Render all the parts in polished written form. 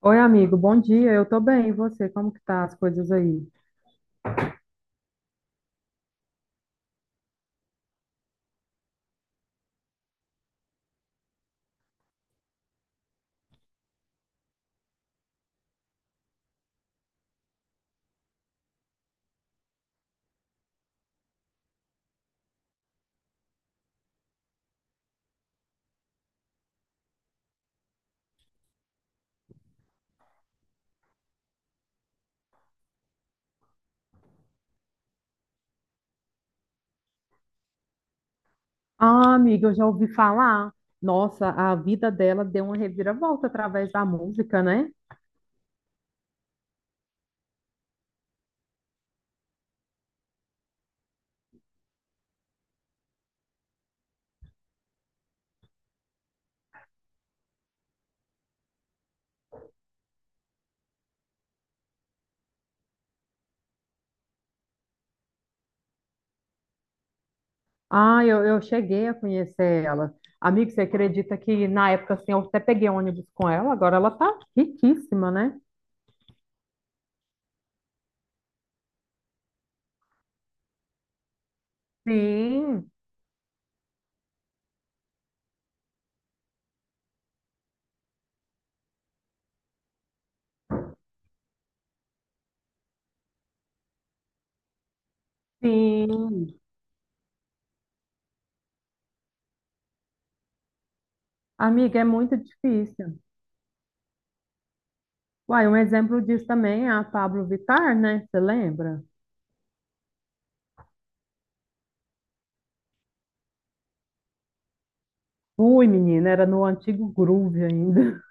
Oi, amigo, bom dia. Eu tô bem, e você? Como que tá as coisas aí? Ah, amiga, eu já ouvi falar. Nossa, a vida dela deu uma reviravolta através da música, né? Ah, eu cheguei a conhecer ela. Amigo, você acredita que na época assim, eu até peguei ônibus com ela, agora ela tá riquíssima, né? Sim, sim. Amiga, é muito difícil. Uai, um exemplo disso também é a Pablo Vittar, né? Você lembra? Fui, menina, era no antigo Groove ainda.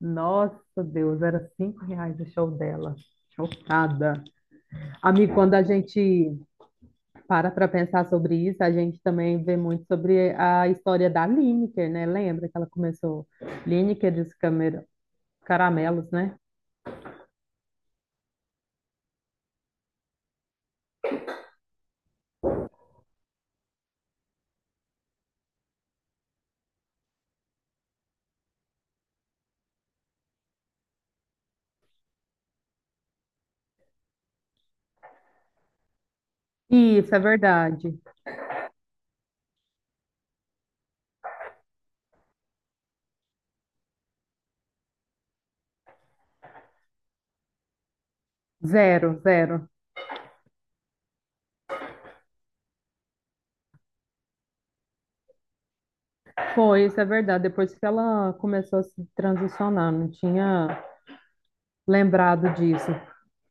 Nossa, Deus, era 5 reais o show dela. Chocada. Amigo, quando a gente para pensar sobre isso, a gente também vê muito sobre a história da Lineker, né? Lembra que ela começou Lineker e os caramelos, né? Isso é verdade. Zero, zero. Foi, isso é verdade. Depois que ela começou a se transicionar, não tinha lembrado disso.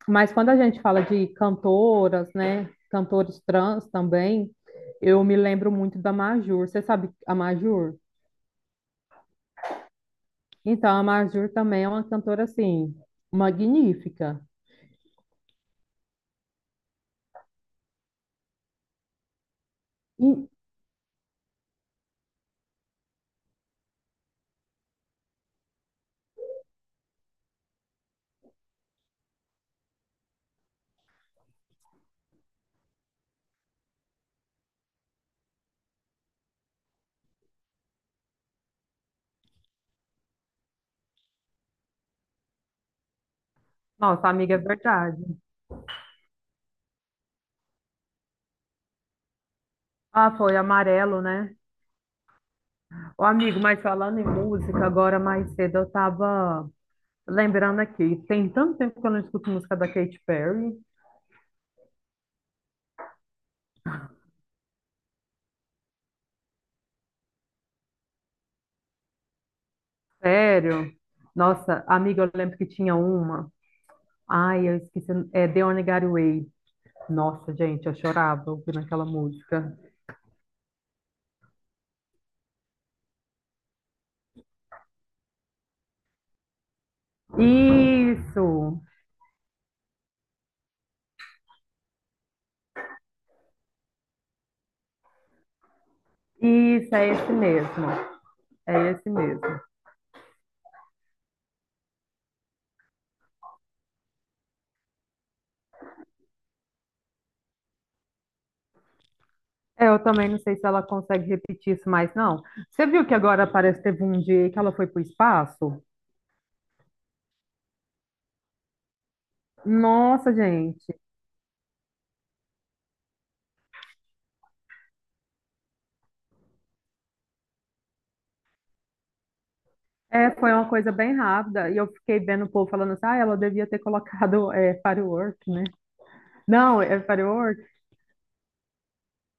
Mas quando a gente fala de cantoras, né, cantores trans também, eu me lembro muito da Majur. Você sabe a Majur? Então, a Majur também é uma cantora, assim, magnífica. E. Nossa, amiga, é verdade. Ah, foi amarelo, né? Ô, amigo, mas falando em música, agora mais cedo eu tava lembrando aqui. Tem tanto tempo que eu não escuto música da Katy Perry. Sério? Nossa, amiga, eu lembro que tinha uma. Ai, eu esqueci. É The Only Gateway. Nossa, gente, eu chorava ouvindo aquela música. Isso! Isso, é esse mesmo. É esse mesmo. É, eu também não sei se ela consegue repetir isso mais, não. Você viu que agora parece que teve um dia aí que ela foi pro espaço? Nossa, gente. É, foi uma coisa bem rápida. E eu fiquei vendo o povo falando assim, ah, ela devia ter colocado Firework, né? Não, é Firework?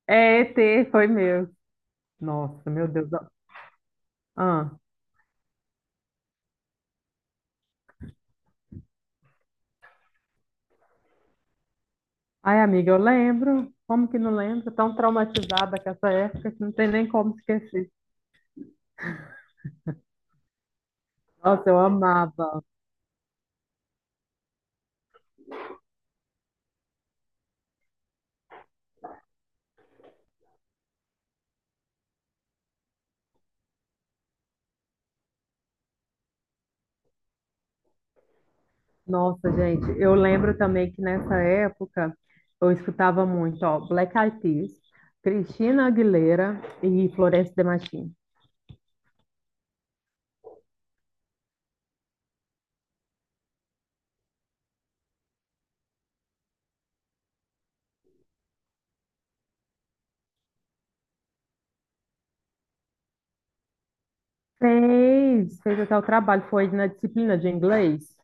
É ET, foi meu. Nossa, meu Deus. Ah. Ai, amiga, eu lembro. Como que não lembro? Tão traumatizada com essa época que não tem nem como esquecer. Nossa, eu amava. Nossa, gente, eu lembro também que nessa época eu escutava muito, ó, Black Eyed Peas, Cristina Aguilera e Florence Demachim. Fez até o trabalho, foi na disciplina de inglês.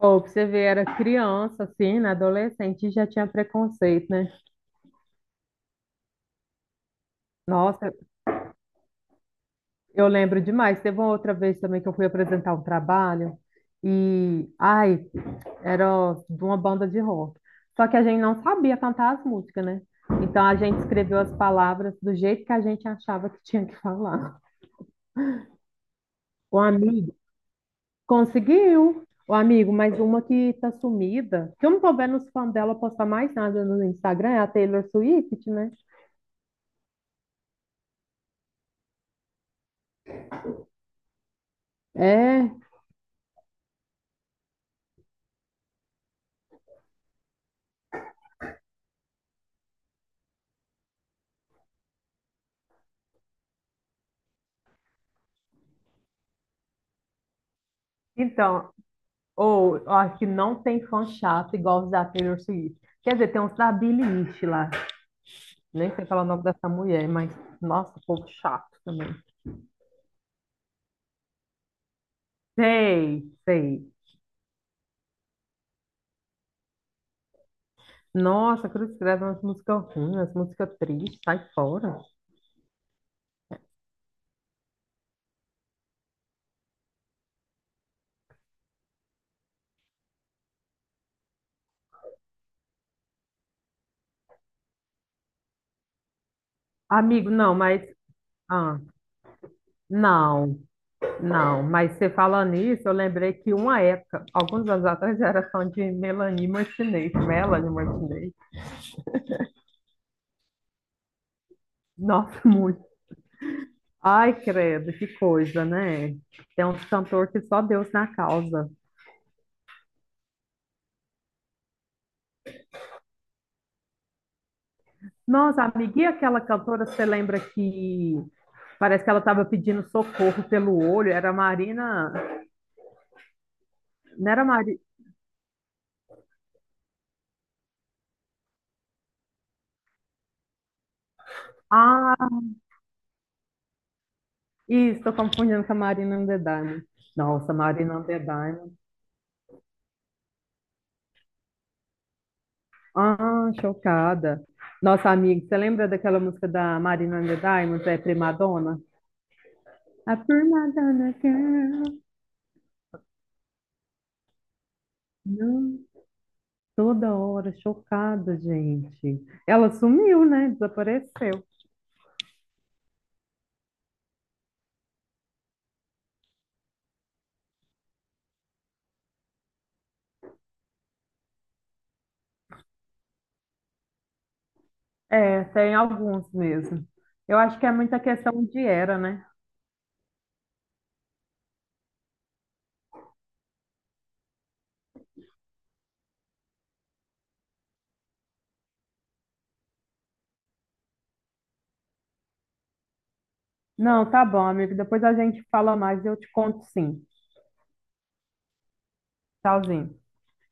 Ou pra você ver, era criança, assim, né, adolescente, e já tinha preconceito, né? Nossa, eu lembro demais. Teve uma outra vez também que eu fui apresentar um trabalho e, ai, era de uma banda de rock. Só que a gente não sabia cantar as músicas, né? Então a gente escreveu as palavras do jeito que a gente achava que tinha que falar. O amigo conseguiu. O amigo, mas uma que tá sumida, que eu não tô vendo os fãs dela postar mais nada no Instagram, é a Taylor Swift, né? É. Então, ou eu acho que não tem fã chato igual os da Taylor Swift. Quer dizer, tem uns da Billie Eilish lá. Nem sei falar o nome dessa mulher, mas nossa, povo chato também. Sei, sei. Nossa, quando escreve umas músicas ruins, umas músicas tristes, sai fora. Amigo, não, mas. Ah, não, não. Mas você falando nisso, eu lembrei que uma época, alguns anos atrás, eu era fã de Melanie Martinez. Melanie Martinez. Nossa, muito. Ai, credo, que coisa, né? Tem uns cantor que só Deus na causa. Nossa, amiga, e aquela cantora, você lembra que parece que ela estava pedindo socorro pelo olho? Era a Marina. Não era a Marina. Ah, isso, estou confundindo com a Marina and the Diamond. Nossa, Marina and the Diamond. Ah, chocada. Nossa, amiga, você lembra daquela música da Marina and the Diamond, é Primadonna? A Primadonna Girl. Toda hora, chocada, gente. Ela sumiu, né? Desapareceu. É, tem alguns mesmo. Eu acho que é muita questão de era, né? Não, tá bom, amigo. Depois a gente fala mais e eu te conto sim. Tchauzinho.